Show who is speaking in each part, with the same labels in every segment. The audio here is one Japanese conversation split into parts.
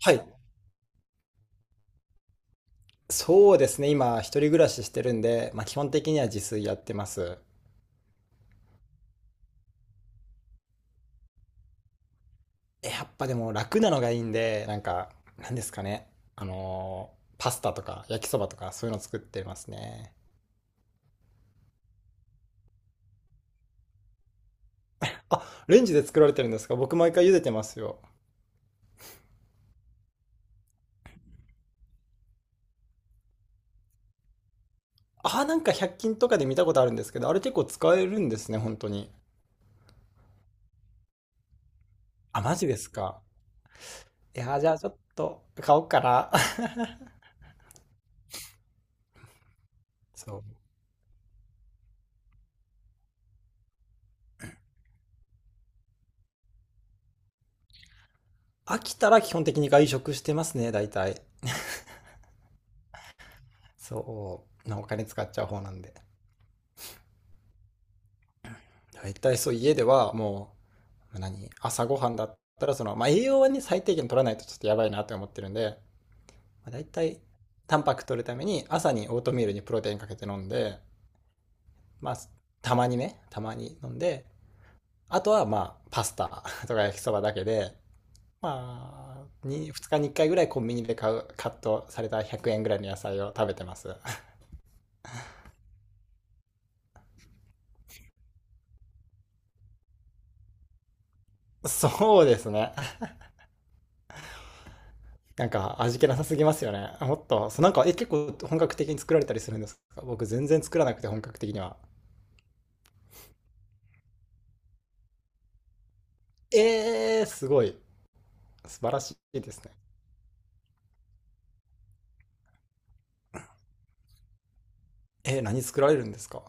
Speaker 1: はい。そうですね。今、一人暮らししてるんで、まあ、基本的には自炊やってます。やっぱでも楽なのがいいんで、なんか、なんですかね。あのーパスタとか焼きそばとかそういうの作ってますね。あ、レンジで作られてるんですか？僕毎回茹でてますよ。あ、なんか100均とかで見たことあるんですけど、あれ結構使えるんですね、本当に。あ、マジですか。いやー、じゃあちょっと買おうかな。そう。飽きたら基本的に外食してますね、大体。そう。なお金使っちゃう方なんで。大体そう、家ではもう、何、朝ごはんだったら、その、まあ、栄養はね、最低限取らないとちょっとやばいなって思ってるんで、まあ、大体、タンパク取るために、朝にオートミールにプロテインかけて飲んで、まあ、たまにね、たまに飲んで、あとはまあ、パスタ とか焼きそばだけで、まあに、2日に1回ぐらいコンビニで買う、カットされた100円ぐらいの野菜を食べてます。そうですね。なんか味気なさすぎますよね。もっと、そうなんか、え、結構本格的に作られたりするんですか？僕全然作らなくて本格的には。えー、すごい。素晴らしいですね。えー、何作られるんですか？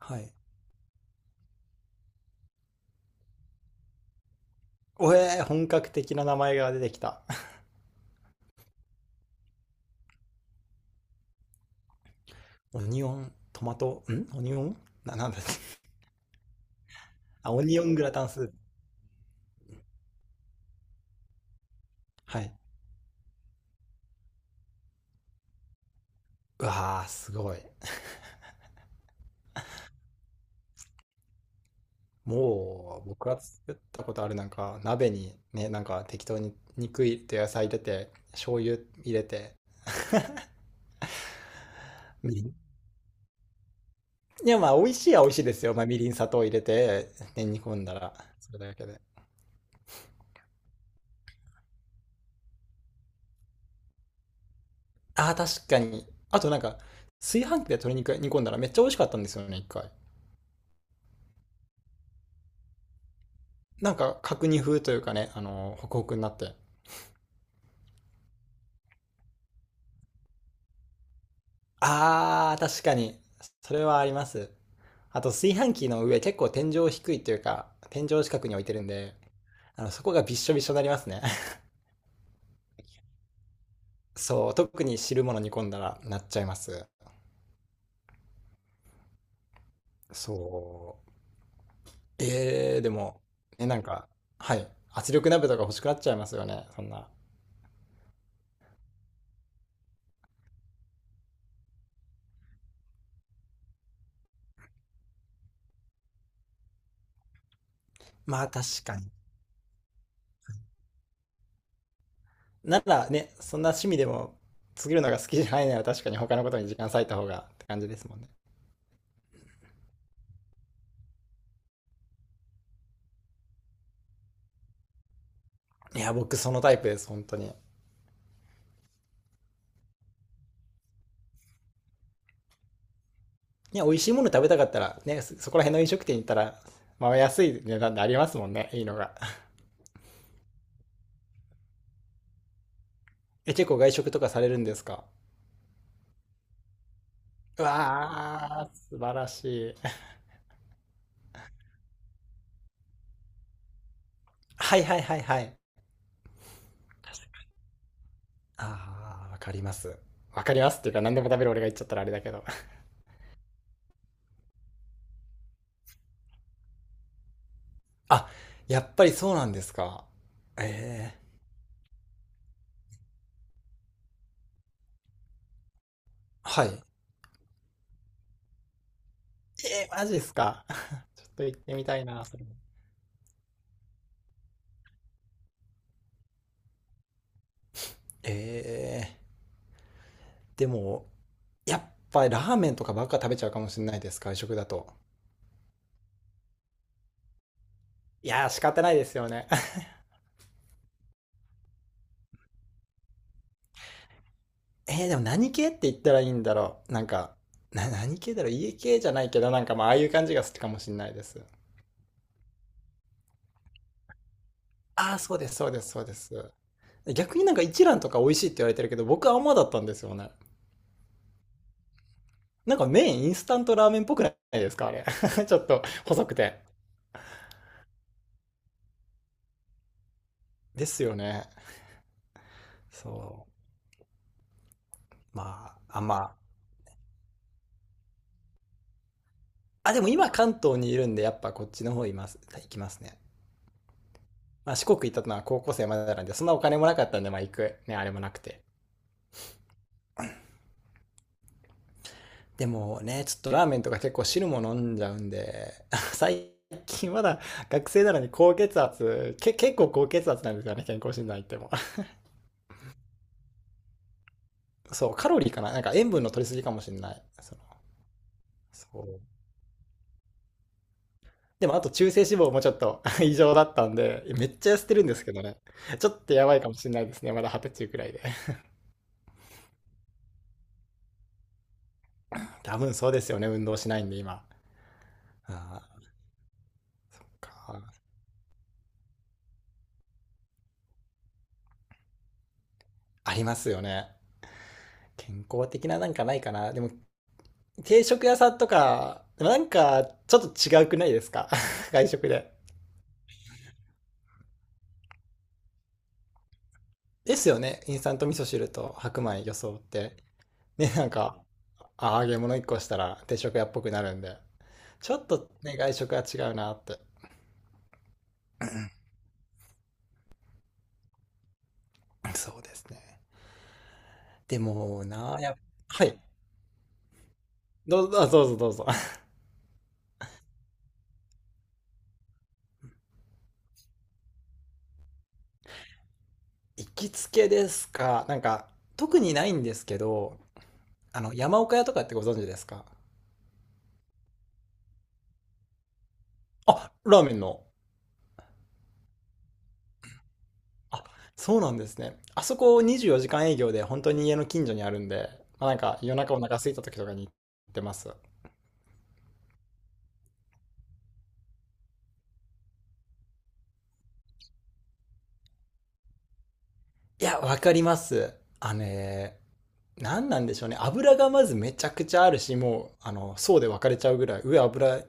Speaker 1: はい。おえー、本格的な名前が出てきた。オニオン、トマト、んオニオンな、なんだ。 あ、オニオングラタンスープ。はい。うわー、すごい。もう、僕が作ったことあるなんか、鍋にね、なんか適当に肉入れて野菜入れて、醤油入れて、みりん、いや、まあ、美味しいは美味しいですよ。まあ、みりん、砂糖入れて、ね、煮込んだら、それだけで。ああ、確かに。あと、なんか、炊飯器で鶏肉煮込んだらめっちゃ美味しかったんですよね、一回。なんか、角煮風というかね、あの、ホクホクになって。ああ、確かに。それはあります。あと、炊飯器の上、結構天井低いというか、天井近くに置いてるんで、あの、そこがびっしょびしょになりますね。そう、特に汁物煮込んだらなっちゃいます。そう。えー、でも、ねなんか、はい。圧力鍋とか欲しくなっちゃいますよね、そんな。まあ確かに。ならね、そんな趣味でも作るのが好きじゃないなら確かに他のことに時間割いた方がって感じですもんね。いや、僕そのタイプです、本当に。ね、美味しいもの食べたかったら、ね、そそこら辺の飲食店行ったら、まあ安い値段でありますもんね、いいのが。え、結構外食とかされるんですか？うわー、素晴らしい。はいはいはいはい。あー、わかります。わかりますっていうか何でも食べる俺が言っちゃったらあれだけど。あ、やっぱりそうなんですか？ええ、はい。えー、マジですか。ちょっと行ってみたいな、それも。ええ、でも、やっぱりラーメンとかばっか食べちゃうかもしれないです、外食だと。いやー、仕方ないですよね。えー、でも何系って言ったらいいんだろう。なんか、な、何系だろう。家系じゃないけど、なんかまあ、ああいう感じが好きかもしれないです。ああ、そうです、そうです、そうです。逆になんか一蘭とか美味しいって言われてるけど、僕はあんまだったんですよね。なんか麺インスタントラーメンっぽくないですかあれ。ちょっと細くて。ですよね。そう。まあ、あまあ。あ、でも今関東にいるんで、やっぱこっちの方います、行きますね。まあ四国行ったのは高校生までなんで、そんなお金もなかったんで、まあ行く。ね、あれもなくて。でもね、ちょっとラーメンとか結構汁も飲んじゃうんで、最近まだ 学生なのに高血圧、け、結構高血圧なんですよね、健康診断行っても。そう、カロリーかななんか塩分の取りすぎかもしれない。その、そう。でもあと中性脂肪もちょっと 異常だったんで、めっちゃ痩せてるんですけどね。ちょっとやばいかもしれないですね。まだ二十歳くらいで。多分そうですよね。運動しないんで今。あーかありますよね。健康的ななんかないかな。でも定食屋さんとか、でもなんかちょっと違うくないですか？ 外食で。ですよね。インスタント味噌汁と白米装って。ね、なんか、あ揚げ物一個したら定食屋っぽくなるんで。ちょっとね、外食は違うなって。そうですね。でもなあ、やっはい。どうぞ、あどうぞどうぞ。行きつけですか。なんか、特にないんですけど、あの、山岡屋とかってご存知ですか？あ、ラーメンの。あ、そうなんですね。あそこ24時間営業で本当に家の近所にあるんで、まあ、なんか夜中お腹空いた時とかに行ってます。いや、わかります。あのね、何なんでしょうね、油がまずめちゃくちゃあるしもうあの層で分かれちゃうぐらい上油、ね、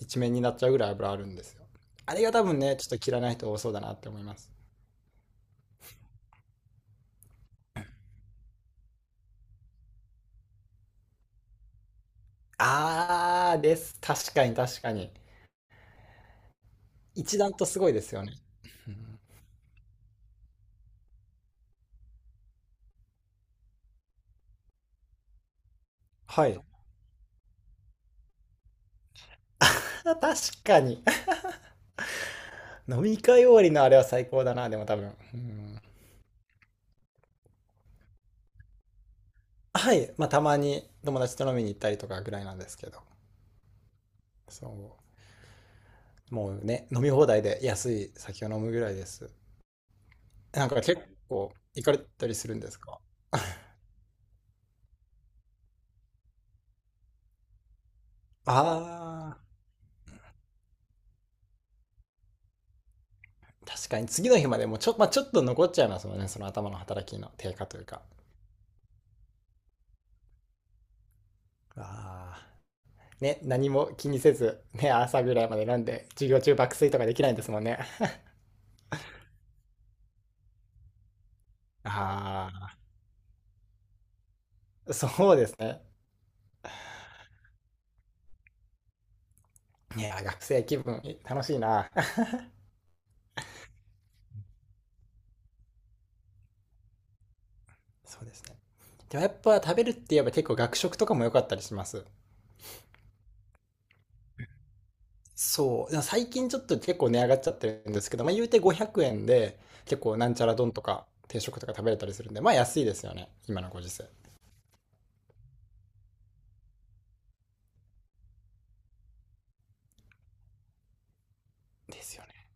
Speaker 1: 一面になっちゃうぐらい油あるんですよ。あれが多分ねちょっと嫌いな人多そうだなって思います。あーです、確かに確かに、一段とすごいですよね、うん。 はい。あ、確かに。 飲み会終わりのあれは最高だな、でも多分うん。はい、まあたまに友達と飲みに行ったりとかぐらいなんですけど、そう、もうね飲み放題で安い酒を飲むぐらいです。なんか結構行かれたりするんですか？ああー、確かに次の日までもちょ、まあ、ちょっと残っちゃいますもんね、その頭の働きの低下というか。ああ。ね、何も気にせず、ね、朝ぐらいまで飲んで、授業中爆睡とかできないんですもんね。ああ、そうですね。いや、学生気分楽しいな。そうですね。でもやっぱ食べるって言えば結構学食とかも良かったりします。そう、最近ちょっと結構値上がっちゃってるんですけど、まあ言うて500円で結構なんちゃら丼とか定食とか食べれたりするんで、まあ安いですよね。今のご時世。ですよね。